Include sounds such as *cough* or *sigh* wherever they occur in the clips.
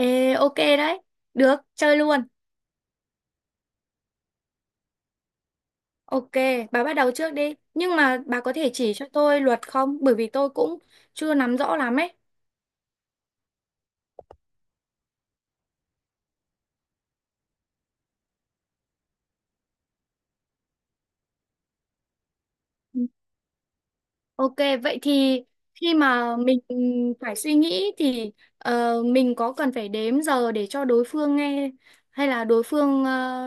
Ê, ok đấy. Được, chơi luôn. Ok, bà bắt đầu trước đi. Nhưng mà bà có thể chỉ cho tôi luật không? Bởi vì tôi cũng chưa nắm rõ lắm ấy. Ừ. Ok, vậy thì khi mà mình phải suy nghĩ thì mình có cần phải đếm giờ để cho đối phương nghe hay là đối phương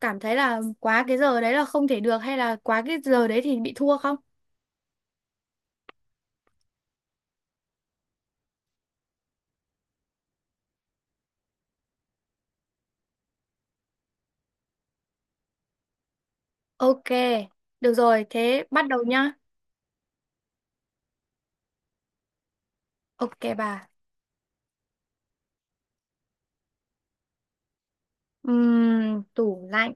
cảm thấy là quá cái giờ đấy là không thể được hay là quá cái giờ đấy thì bị thua không? Ok, được rồi, thế bắt đầu nhá. Ok bà. Tủ lạnh.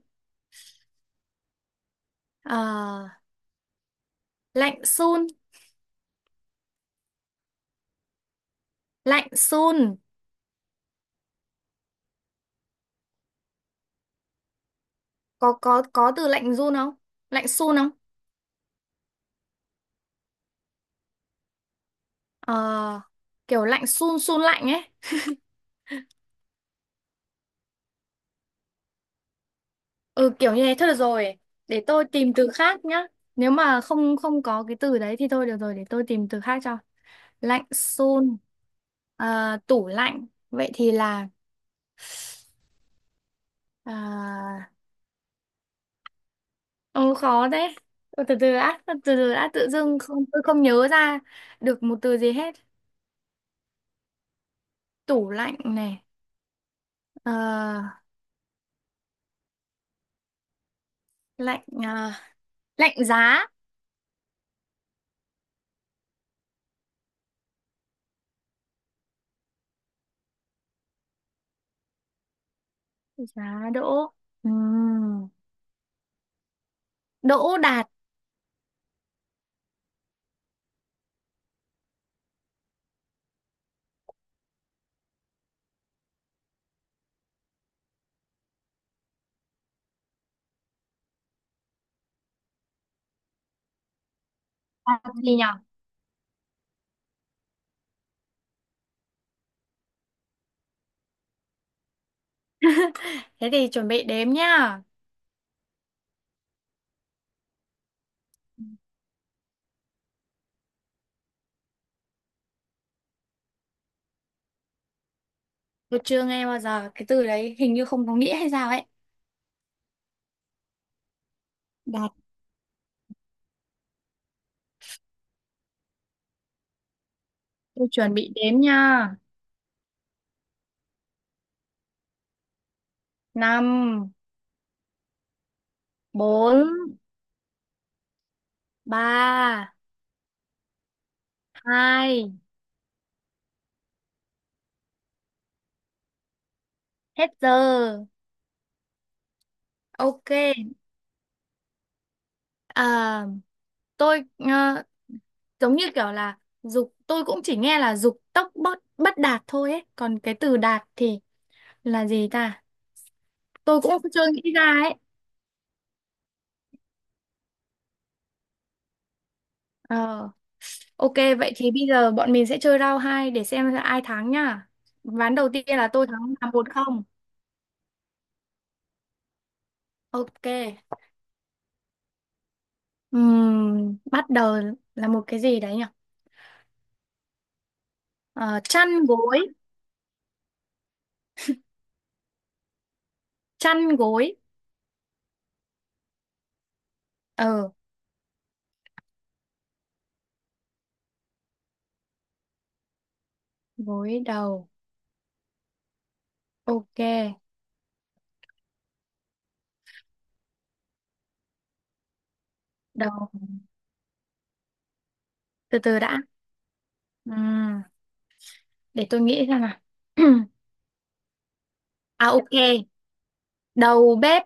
Ờ, Lạnh sun. Lạnh sun, có từ lạnh run không, lạnh sun không? ờ, Kiểu lạnh sun sun lạnh ấy. Ừ, kiểu như thế thôi, được rồi, để tôi tìm từ khác nhá. Nếu mà không không có cái từ đấy thì thôi, được rồi, để tôi tìm từ khác cho. Lạnh sun. Tủ lạnh vậy thì là ờ, ừ, khó đấy. Ừ, từ từ đã, tự dưng không, tôi không nhớ ra được một từ gì hết. Tủ lạnh này. ờ, Lạnh à, lạnh giá. Giá đỗ. Ừm, đỗ đạt. À, gì nhở? Thế thì chuẩn bị đếm nhá. Tôi chưa nghe bao giờ cái từ đấy, hình như không có nghĩa hay sao ấy. Đạt. Tôi chuẩn bị đếm nha. Năm, bốn, ba, hai, hết giờ. Ok, à, tôi, giống như kiểu là dục, tôi cũng chỉ nghe là dục tốc bất bất đạt thôi ấy, còn cái từ đạt thì là gì ta. Tôi cũng chưa nghĩ ra ấy. Ờ. Ok, vậy thì bây giờ bọn mình sẽ chơi round 2 để xem là ai thắng nha. Ván đầu tiên là tôi thắng, là 1-0. Ok. Bắt đầu là một cái gì đấy nhỉ? Ờ, chăn gối, chăn gối. Ờ, gối đầu. Ok, đầu. Từ từ đã. Ừm, để tôi nghĩ xem nào. *clears throat* À ok, đầu bếp.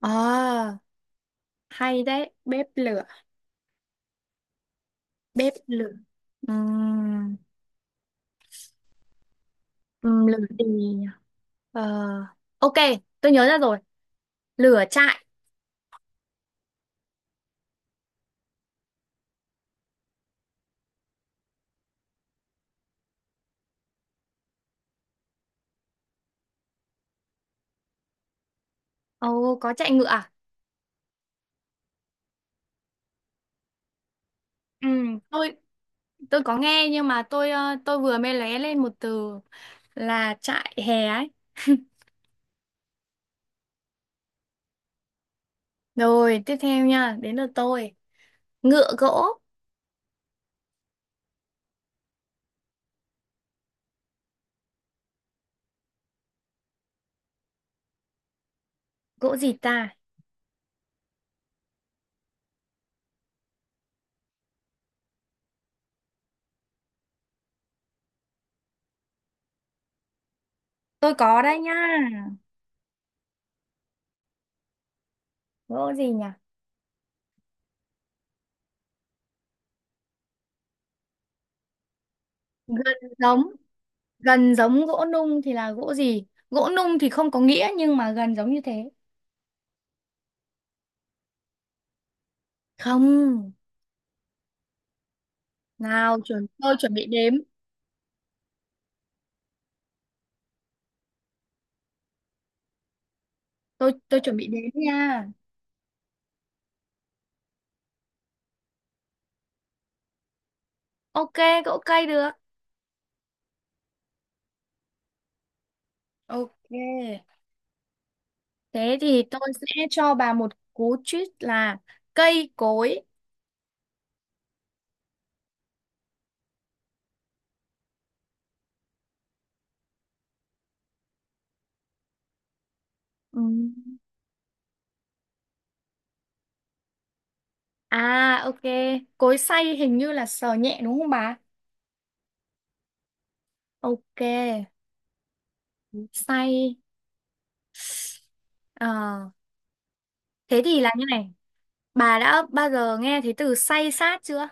Ờ, hay đấy, bếp lửa, bếp lửa. Ừm, lửa gì nhỉ? Ờ, ok, tôi nhớ ra rồi. Lửa trại. Ồ, có chạy ngựa à? Ừ, tôi tôi có nghe nhưng mà tôi vừa mới lóe lên một từ là trại hè ấy. *laughs* Rồi, tiếp theo nha, đến lượt tôi. Ngựa gỗ. Gỗ gì ta. Tôi có đây nha. Gỗ gì nhỉ? Gần giống, gần giống gỗ nung thì là gỗ gì? Gỗ nung thì không có nghĩa nhưng mà gần giống như thế. Không. Nào, chuẩn, tôi chuẩn bị đếm. Tôi chuẩn bị đếm nha. Ok, gỗ cây được. Ok. Thế thì tôi sẽ cho bà một cú tweet là cây cối. Ừm. À ok, cối xay hình như là sờ nhẹ đúng không bà? Ok, xay. Ờ, thế thì là như này, bà đã bao giờ nghe thấy từ xay sát chưa?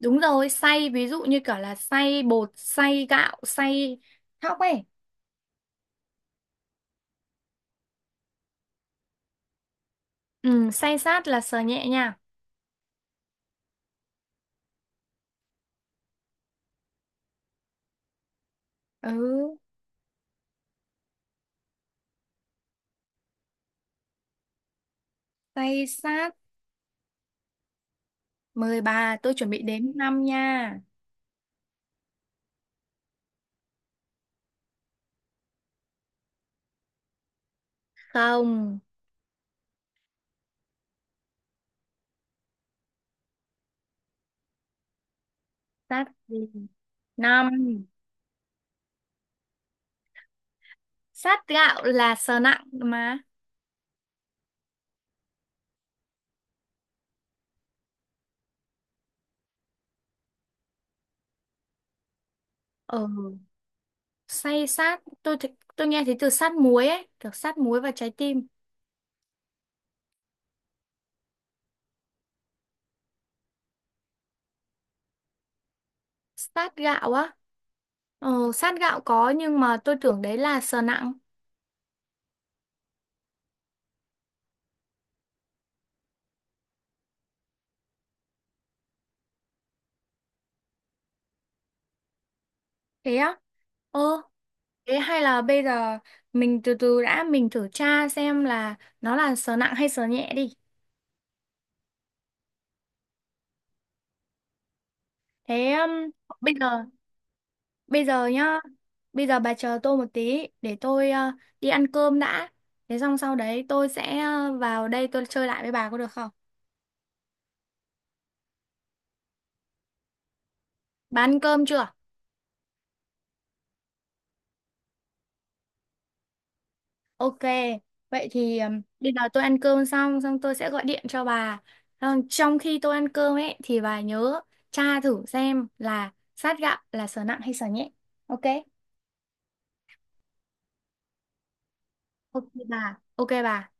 Đúng rồi, xay ví dụ như kiểu là xay bột, xay gạo, xay thóc ấy. Ừ, xay sát là sờ nhẹ nha. Ừ, xay sát. Mời bà, tôi chuẩn bị đếm năm nha. Không. Sắt gì? Năm. Sát gạo là sờ nặng mà. Ờ, say sát tôi thì- tôi nghe thấy từ sát muối ấy, kiểu sát muối và trái tim. Sát gạo á? Ờ, sát gạo có nhưng mà tôi tưởng đấy là sờ nặng. Thế á? Ờ, thế hay là bây giờ mình từ từ đã, mình thử tra xem là nó là sờ nặng hay sờ nhẹ đi. Thế bây giờ, bây giờ nhá, bây giờ bà chờ tôi một tí để tôi đi ăn cơm đã. Thế xong sau đấy tôi sẽ vào đây tôi chơi lại với bà có được không? Bà ăn cơm chưa? Ok, vậy thì bây giờ tôi ăn cơm xong xong tôi sẽ gọi điện cho bà. Xong. Trong khi tôi ăn cơm ấy thì bà nhớ tra thử xem là sát gạo là sở nặng hay sở nhẹ. Ok? Ok bà. Ok bà.